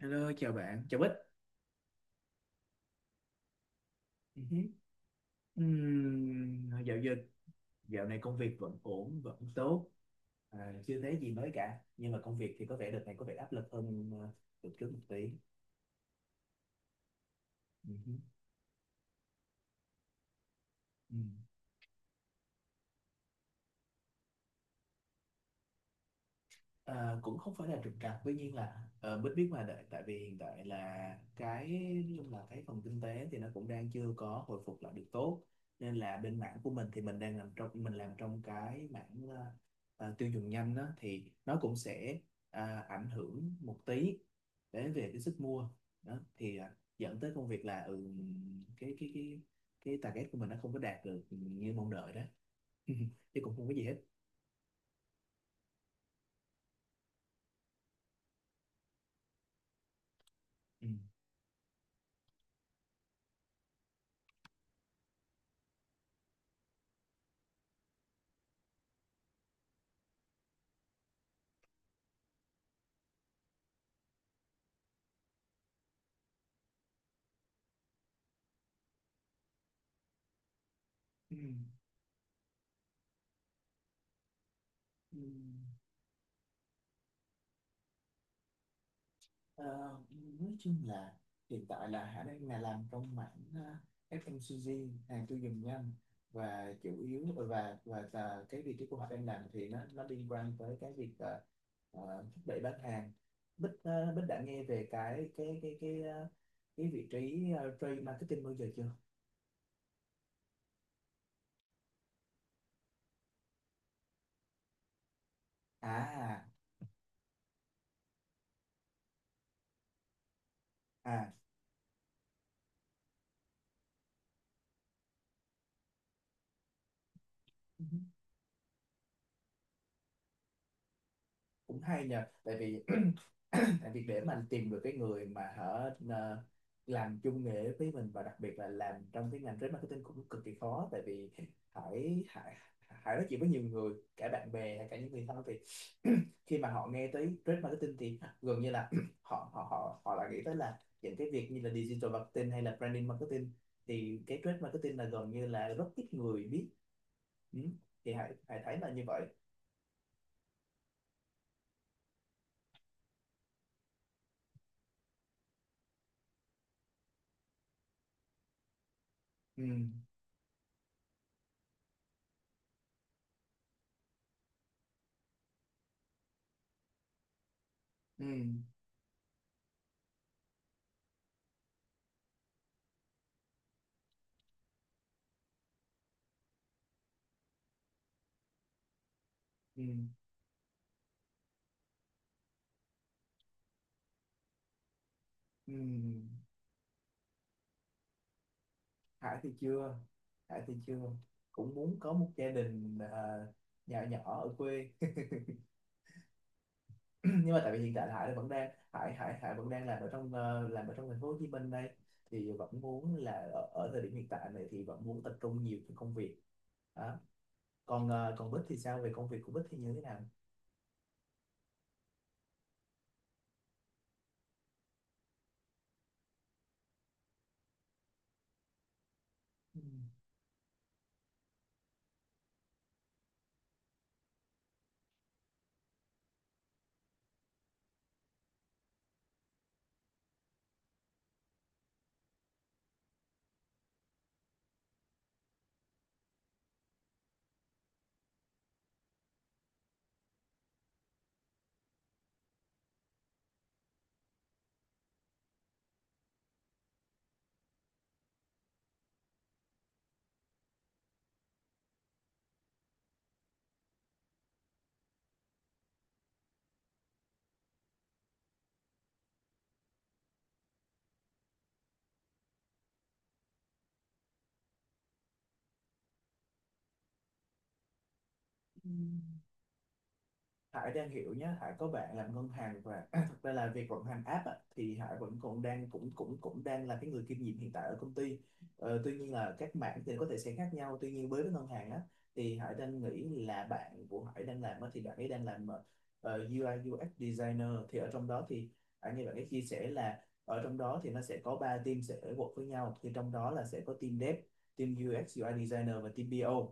Hello, chào bạn, chào Bích. Ừ hứ. Dạo giờ dạo này công việc vẫn ổn, vẫn tốt, chưa thấy gì mới cả. Nhưng mà công việc thì có vẻ đợt này có vẻ áp lực hơn đợt trước một tí. Ừ hứ. Ừ. À, cũng không phải là trục trặc, tuy nhiên là Bích biết mà đợi, tại vì hiện tại là cái, nói chung là cái phần kinh tế thì nó cũng đang chưa có hồi phục lại được tốt, nên là bên mảng của mình thì mình làm trong cái mảng tiêu dùng nhanh đó, thì nó cũng sẽ ảnh hưởng một tí đến về cái sức mua đó, thì dẫn tới công việc là cái cái cái cái target của mình nó không có đạt được như mong đợi đó, chứ cũng không có gì hết. Ừ. Ừ. Ừ. Ờ, nói chung là hiện tại là Hải đang là làm trong mảng FMCG, hàng tiêu dùng nhanh, và chủ yếu và cái vị trí của Hải đang làm thì nó liên quan tới cái việc thúc đẩy bán hàng. Bích đã nghe về cái vị trí trade marketing bao giờ chưa? à à cũng cũng hay nhờ, tại vì tại vì để mà anh tìm được cái người mà hở làm chung nghề với mình, và đặc biệt là làm trong cái ngành trade marketing cũng cực kỳ khó, tại vì Hải Hải Hải nói chuyện với nhiều người, cả bạn bè hay cả những người thân, thì khi mà họ nghe tới trade marketing thì gần như là họ họ họ họ lại nghĩ tới là những cái việc như là digital marketing hay là branding marketing, thì cái trade marketing là gần như là rất ít người biết. Ừ. Thì Hải Hải thấy là như vậy. Ừ. Ừ. Ừ. Ừ. Hải thì chưa. Hải thì chưa. Cũng muốn có một gia đình nhỏ nhỏ ở quê nhưng mà tại vì hiện tại là Hải vẫn đang làm ở trong làm ở trong thành phố Hồ Chí Minh đây, thì vẫn muốn là ở thời điểm hiện tại này thì vẫn muốn tập trung nhiều cho công việc đó. Còn còn Bích thì sao, về công việc của Bích thì như thế nào? Ừ. Hải đang hiểu nhé, Hải có bạn làm ngân hàng, và thực ra là việc vận hành app á, thì Hải vẫn còn đang cũng cũng cũng đang là cái người kiêm nhiệm hiện tại ở công ty. Ờ, tuy nhiên là các mảng thì có thể sẽ khác nhau. Tuy nhiên với cái ngân hàng á, thì Hải đang nghĩ là bạn của Hải đang làm á, thì bạn ấy đang làm UI UX designer. Thì ở trong đó thì Hải nghe bạn ấy chia sẻ là ở trong đó thì nó sẽ có 3 team sẽ work với nhau, thì trong đó là sẽ có team dev, team UX UI designer và team PO.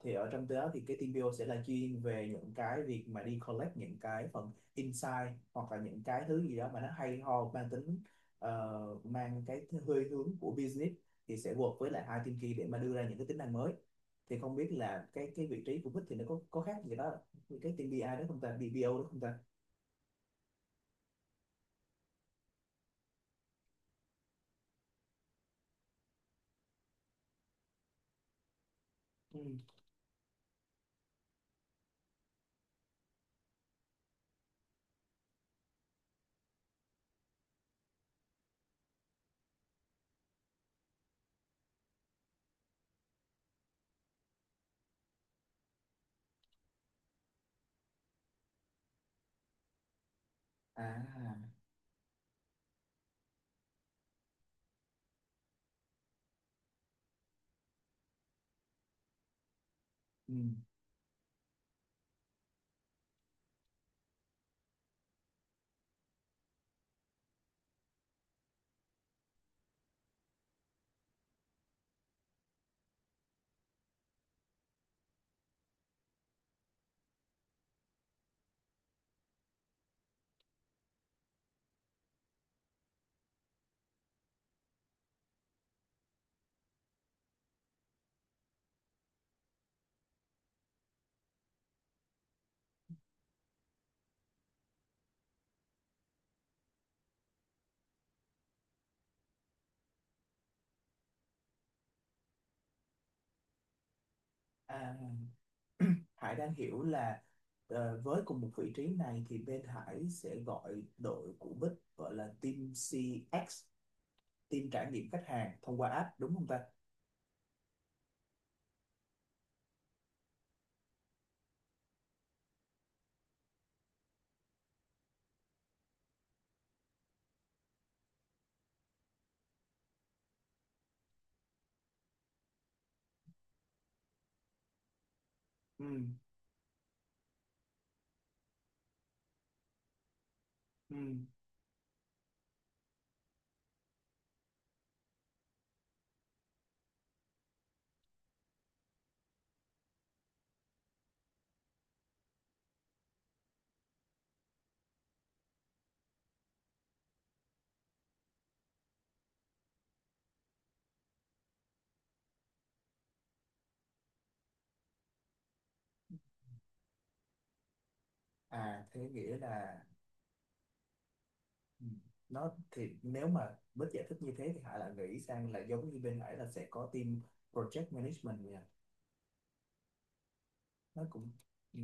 Thì ở trong đó thì cái team PO sẽ là chuyên về những cái việc mà đi collect những cái phần insight hoặc là những cái thứ gì đó mà nó hay ho, mang tính mang cái hơi hướng của business, thì sẽ work với lại hai team kia để mà đưa ra những cái tính năng mới. Thì không biết là cái vị trí của Bích thì nó có khác gì đó như cái team BI đó không ta, BPO đó không ta? Ừ. À. Ừ. À. Hải đang hiểu là với cùng một vị trí này thì bên Hải sẽ gọi đội của Bích gọi là team CX, team trải nghiệm khách hàng thông qua app, đúng không ta? Ừ. Ừ. À thế nghĩa là ừ, nó thì nếu mà với giải thích như thế thì Hải lại nghĩ sang là giống như bên Hải là sẽ có team project management nha. Nó cũng ừ.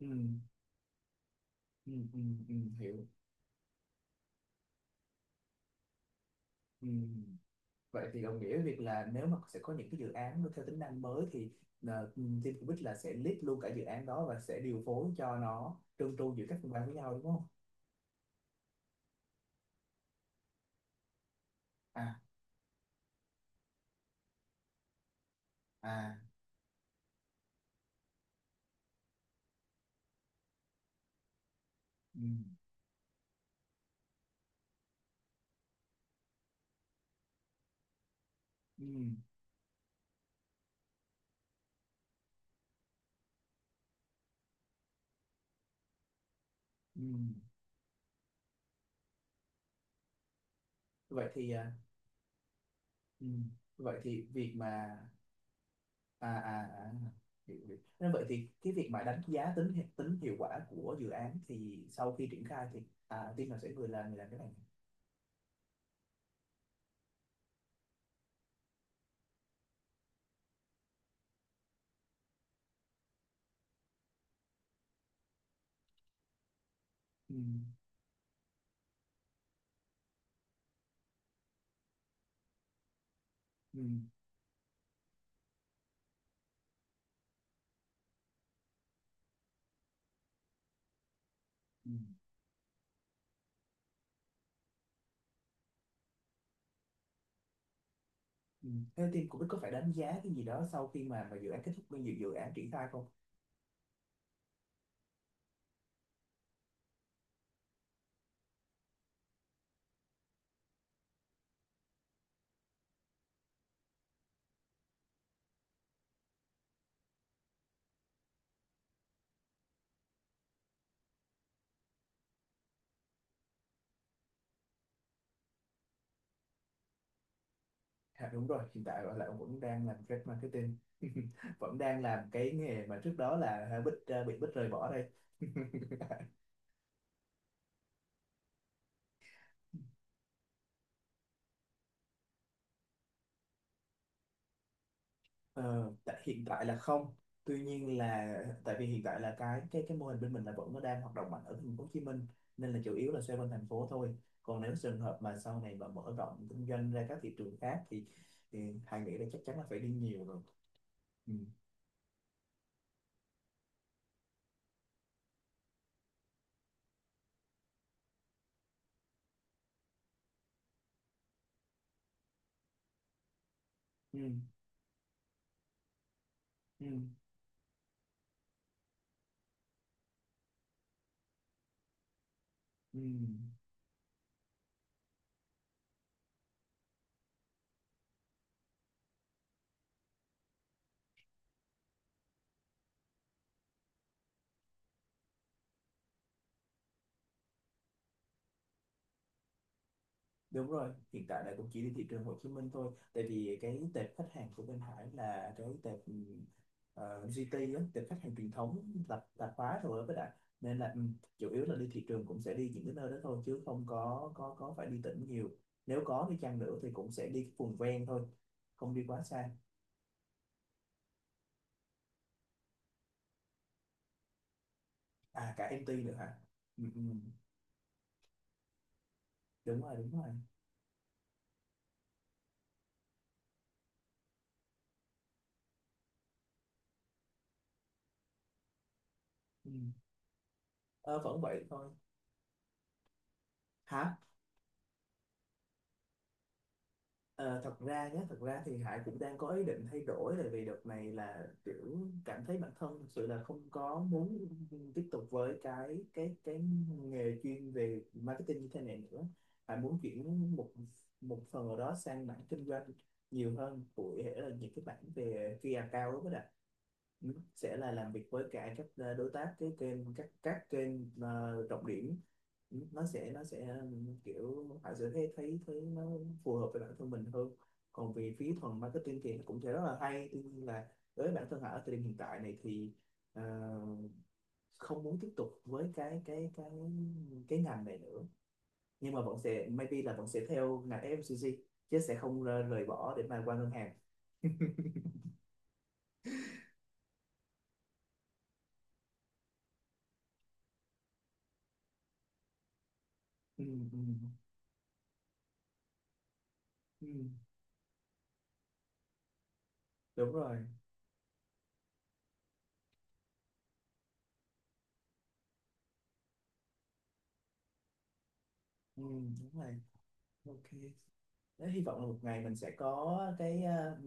Ừ. ừ, ừ, ừ, hiểu. Ừ. Vậy thì đồng nghĩa việc là nếu mà sẽ có những cái dự án nó theo tính năng mới thì team của Bích là sẽ lead luôn cả dự án đó và sẽ điều phối cho nó trơn tru giữa các phòng ban với nhau, đúng không? À. À. Ừ. Ừ. Ừ. Vậy thì ừ, vậy thì việc mà à. Hiểu, hiểu. Nên vậy thì cái việc mà đánh giá tính hiệu quả của dự án thì sau khi triển khai thì à, team nào sẽ người làm cái này? ừ, ừ, ừ, ừ. Thế team của Bích có phải đánh giá cái gì đó sau khi mà dự án kết thúc, bao nhiêu dự án triển khai không? À, đúng rồi, hiện tại là ông vẫn đang làm trade marketing. Vẫn đang làm cái nghề mà trước đó là Bích bị Bích rời bỏ đây. Ờ, tại hiện tại là không. Tuy nhiên là tại vì hiện tại là cái cái mô hình bên mình là vẫn nó đang hoạt động mạnh ở thành phố Hồ Chí Minh, nên là chủ yếu là xoay quanh thành phố thôi. Còn nếu trường hợp mà sau này mà mở rộng kinh doanh ra các thị trường khác thì Hải nghĩ là chắc chắn là phải đi nhiều rồi. Ừ. Ừ. Ừ. Ừ. Đúng rồi, hiện tại là cũng chỉ đi thị trường Hồ Chí Minh thôi. Tại vì cái tệp khách hàng của bên Hải là cái tệp GT á, tệp khách hàng truyền thống, tạp tạp hóa rồi với lại, nên là chủ yếu là đi thị trường cũng sẽ đi những cái nơi đó thôi, chứ không có phải đi tỉnh nhiều. Nếu có đi chăng nữa thì cũng sẽ đi cái vùng ven thôi, không đi quá xa. À cả MT nữa hả? Ừ, ừ, Đúng rồi, đúng rồi. Ừ. Ờ, vẫn vậy thôi. Hả? Ờ, thật ra nhé, thật ra thì Hải cũng đang có ý định thay đổi, tại vì đợt này là kiểu cảm thấy bản thân thực sự là không có muốn tiếp tục với cái nghề chuyên về marketing như thế này nữa. Hải muốn chuyển một một phần ở đó sang mảng kinh doanh nhiều hơn, cụ thể là những cái mảng về key account đó. Ừ, sẽ là làm việc với cả các đối tác, cái kênh, các kênh trọng điểm. Nó sẽ kiểu họ sẽ thấy thấy thấy nó phù hợp với bản thân mình hơn. Còn về phía thuần marketing thì nó cũng sẽ rất là hay, tuy nhiên là với bản thân họ ở thời điểm hiện tại này thì ờ, không muốn tiếp tục với cái ngành này nữa, nhưng mà bọn sẽ maybe là bọn sẽ theo ngành FMCG, chứ sẽ không rời rời bỏ để mà qua ngân hàng. ừ, ừ, ừ, Đúng rồi. Ừ, đúng rồi. OK. Thế hy vọng là một ngày mình sẽ có cái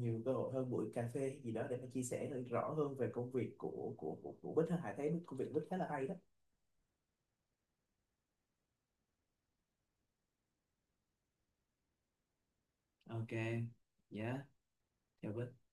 nhiều cơ hội hơn, buổi cà phê gì đó để mà chia sẻ được rõ hơn về công việc của của Bích ha. Hải thấy công việc Bích khá là hay đó. OK. Dạ, chào Bích.